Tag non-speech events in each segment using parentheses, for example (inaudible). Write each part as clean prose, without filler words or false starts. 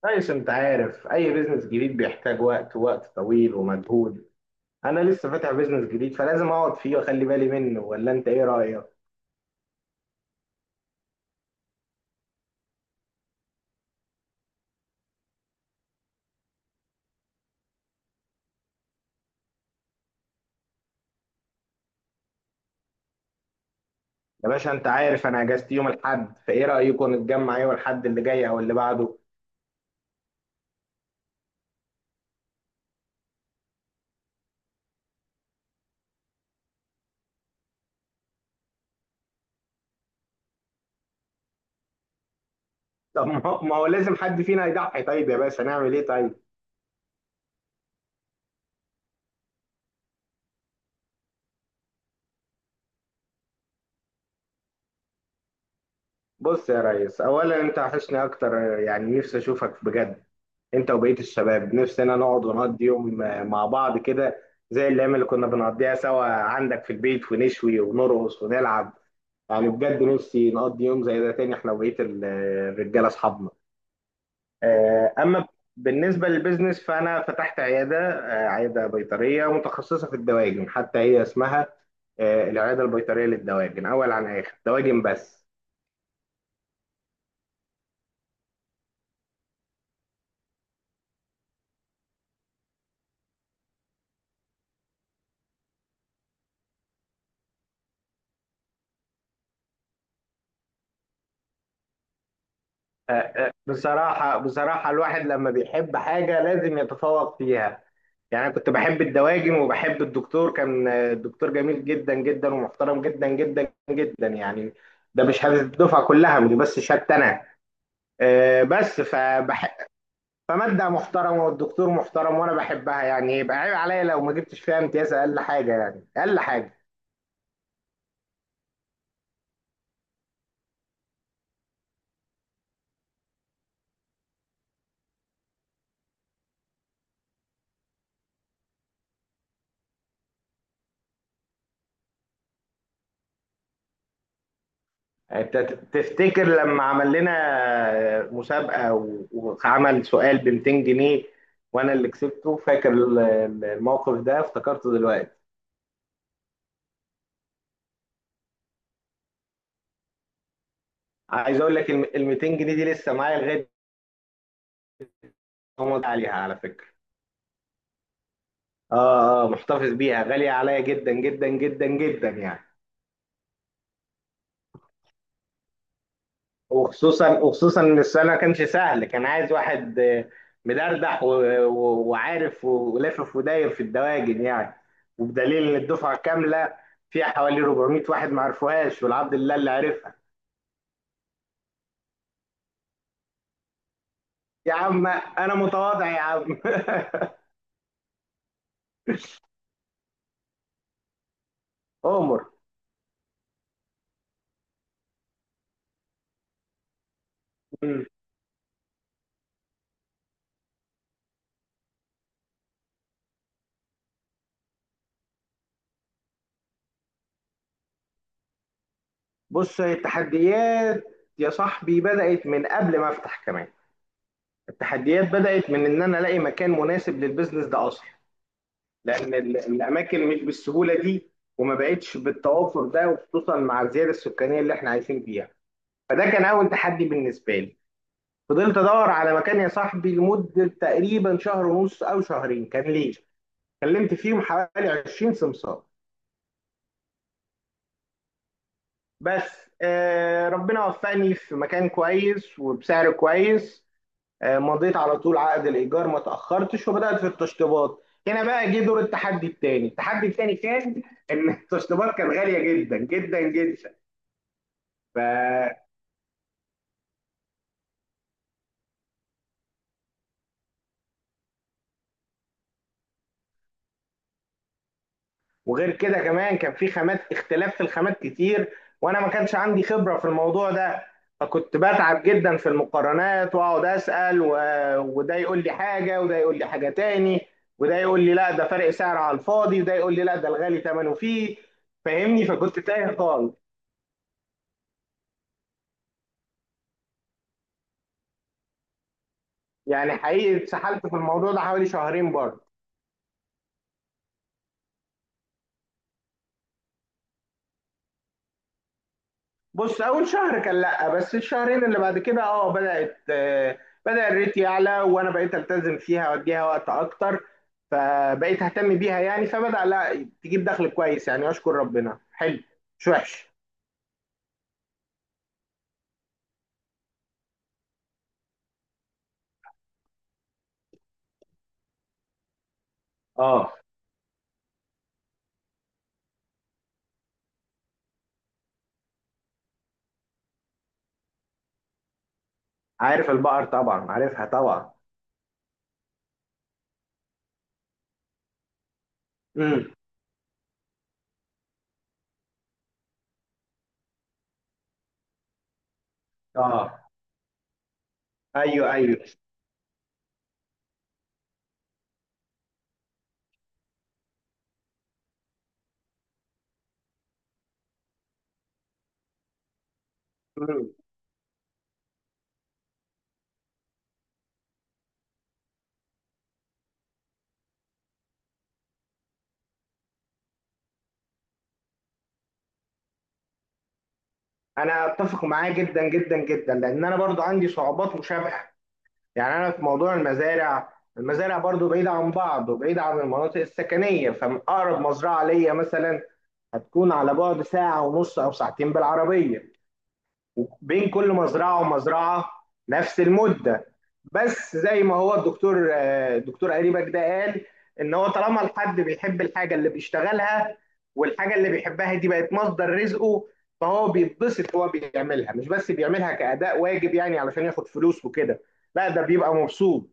كويس، انت عارف اي بيزنس جديد بيحتاج وقت، وقت طويل ومجهود. انا لسه فاتح بيزنس جديد فلازم اقعد فيه واخلي بالي منه، ولا انت ايه رايك؟ يا باشا، انت عارف انا اجازتي يوم الاحد، فايه رايكم نتجمع يوم الاحد اللي جاي او اللي بعده؟ طب ما هو لازم حد فينا يضحي، طيب يا باشا نعمل ايه؟ طيب بص يا ريس، اولا انت وحشني اكتر. يعني نفسي اشوفك بجد، انت وبقيه الشباب، نفسنا نقعد ونقضي يوم مع بعض كده. زي الايام اللي كنا بنقضيها سوا عندك في البيت ونشوي ونرقص ونلعب. يعني بجد نفسي نقضي يوم زي ده تاني، احنا وبقية الرجالة اصحابنا. اما بالنسبة للبيزنس، فانا فتحت عيادة، عيادة بيطرية متخصصة في الدواجن، حتى هي اسمها العيادة البيطرية للدواجن، اول عن اخر دواجن بس. بصراحة بصراحة، الواحد لما بيحب حاجة لازم يتفوق فيها. يعني أنا كنت بحب الدواجن وبحب الدكتور، كان الدكتور جميل جدا جدا ومحترم جدا جدا جدا، يعني ده مش هدف الدفعة كلها، مش بس شهادتي انا. آه، بس فبح... فمادة محترمة والدكتور محترم وأنا بحبها، يعني يبقى عيب عليا لو ما جبتش فيها امتياز، أقل حاجة يعني أقل حاجة. يعني أنت تفتكر لما عمل لنا مسابقة وعمل سؤال ب 200 جنيه وأنا اللي كسبته؟ فاكر الموقف ده، افتكرته دلوقتي. عايز أقول لك ال 200 جنيه دي لسه معايا لغاية ما عليها، على فكرة. محتفظ بيها، غالية عليا جدا جدا جدا جدا يعني. وخصوصا وخصوصا ان السؤال ما كانش سهل، كان عايز واحد مدردح وعارف ولافف وداير في الدواجن، يعني وبدليل ان الدفعه كامله فيها حوالي 400 واحد ما عرفوهاش، والعبد لله اللي عرفها. يا عم انا متواضع يا عم. (laughs) عمر. مم. بص التحديات يا صاحبي، بدأت من قبل ما افتح كمان. التحديات بدأت من ان انا الاقي مكان مناسب للبيزنس ده اصلا، لان الاماكن مش بالسهوله دي، وما بقتش بالتوافر ده، وخصوصا مع الزياده السكانيه اللي احنا عايشين فيها. فده كان اول تحدي بالنسبه لي. فضلت ادور على مكان يا صاحبي لمده تقريبا شهر ونص او شهرين كان ليه، كلمت فيهم حوالي 20 سمسار بس. ربنا وفقني في مكان كويس وبسعر كويس. مضيت على طول عقد الايجار ما تاخرتش، وبدات في التشطيبات. هنا بقى جه دور التحدي التاني. التحدي التاني كان ان التشطيبات كانت غاليه جدا جدا جدا. ف... وغير كده كمان كان في خامات، اختلاف في الخامات كتير، وانا ما كانش عندي خبره في الموضوع ده. فكنت بتعب جدا في المقارنات واقعد اسال وده يقول لي حاجه وده يقول لي حاجه تاني، وده يقول لي لا ده فرق سعر على الفاضي، وده يقول لي لا ده الغالي ثمنه فيه، فاهمني؟ فكنت تايه خالص. يعني حقيقي اتسحلت في الموضوع ده حوالي شهرين برضه. بص اول شهر كان لا، بس الشهرين اللي بعد كده بدات، بدا الريت يعلى وانا بقيت التزم فيها واديها وقت اكتر، فبقيت اهتم بيها يعني، فبدا لا، تجيب دخل كويس يعني، اشكر ربنا، حلو مش وحش. اه، عارف البقر طبعا، عارفها طبعا. امم. اه. ايوه، ايوه. مم. انا اتفق معاه جدا جدا جدا، لان انا برضو عندي صعوبات مشابهه. يعني انا في موضوع المزارع، برضو بعيدة عن بعض وبعيدة عن المناطق السكنية، فأقرب مزرعة ليا مثلا هتكون على بعد ساعة ونص أو ساعتين بالعربية، وبين كل مزرعة ومزرعة نفس المدة. بس زي ما هو الدكتور، الدكتور قريبك ده قال، إن هو طالما الحد بيحب الحاجة اللي بيشتغلها، والحاجة اللي بيحبها دي بقت مصدر رزقه، فهو بيتبسط وهو بيعملها، مش بس بيعملها كأداء واجب يعني علشان ياخد فلوس وكده، لا ده بيبقى مبسوط.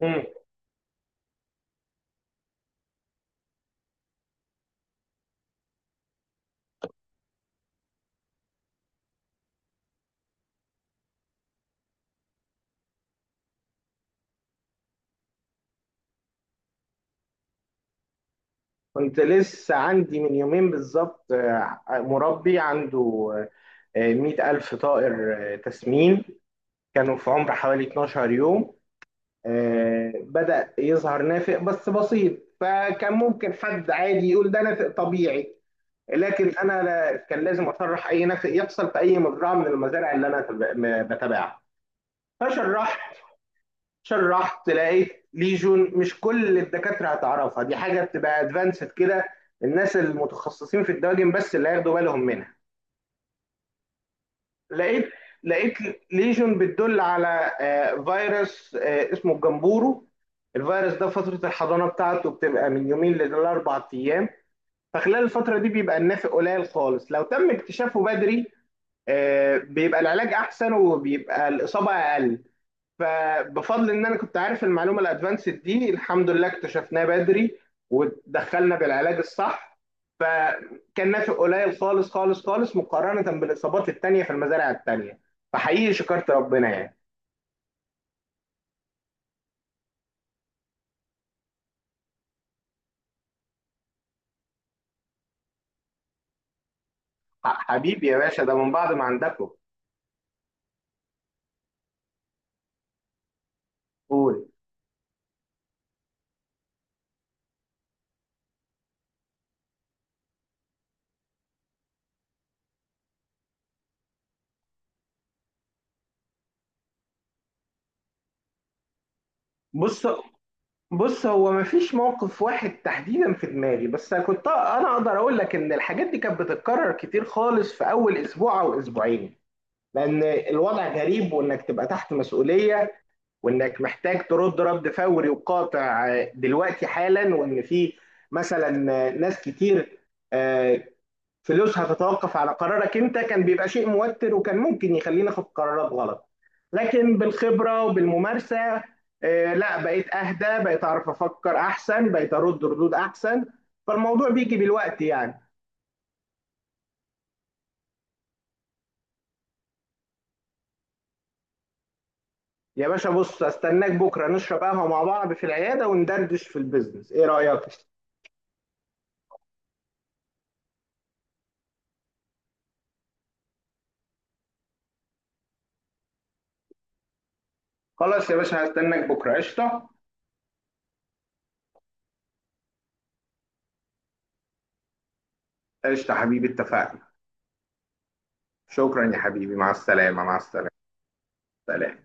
مم. كنت لسه عندي من يومين بالظبط مربي عنده 100,000 طائر تسمين، كانوا في عمر حوالي 12 يوم. بدأ يظهر نافق بس بسيط، فكان ممكن حد عادي يقول ده نافق طبيعي، لكن أنا كان لازم أشرح أي نافق يحصل في أي مزرعة من المزارع اللي أنا بتابعها. فشرحت، لقيت ليجون، مش كل الدكاترة هتعرفها، دي حاجة بتبقى ادفانسد كده، الناس المتخصصين في الدواجن بس اللي هياخدوا بالهم منها. لقيت لقيت ليجون بتدل على فيروس اسمه الجمبورو. الفيروس ده فترة الحضانة بتاعته بتبقى من يومين لأربع أيام، فخلال الفترة دي بيبقى النافق قليل خالص لو تم اكتشافه بدري، بيبقى العلاج أحسن وبيبقى الإصابة أقل. فبفضل ان انا كنت عارف المعلومه الادفانسد دي الحمد لله اكتشفناها بدري، ودخلنا بالعلاج الصح، فكان نافع قليل خالص خالص خالص مقارنه بالاصابات التانيه في المزارع التانيه. فحقيقي شكرت ربنا يعني. حبيبي يا باشا، ده من بعض ما عندكم. قول. بص، هو مفيش موقف واحد تحديدا في دماغي، بس كنت انا اقدر اقول لك ان الحاجات دي كانت بتتكرر كتير خالص في اول اسبوع او اسبوعين، لان الوضع غريب، وانك تبقى تحت مسؤوليه، وانك محتاج ترد رد فوري وقاطع دلوقتي حالا، وان في مثلا ناس كتير آه، فلوسها تتوقف على قرارك انت، كان بيبقى شيء موتر، وكان ممكن يخليني اخد قرارات غلط. لكن بالخبره وبالممارسه لا بقيت اهدى، بقيت اعرف افكر احسن، بقيت ارد ردود احسن، فالموضوع بيجي بالوقت يعني. يا باشا بص، استناك بكره نشرب قهوه مع بعض في العياده وندردش في البيزنس، ايه رايك؟ خلاص يا باشا، هستناك بكره قشطه. قشطه حبيبي، اتفقنا. شكرا يا حبيبي، مع السلامه، مع السلامه. سلام.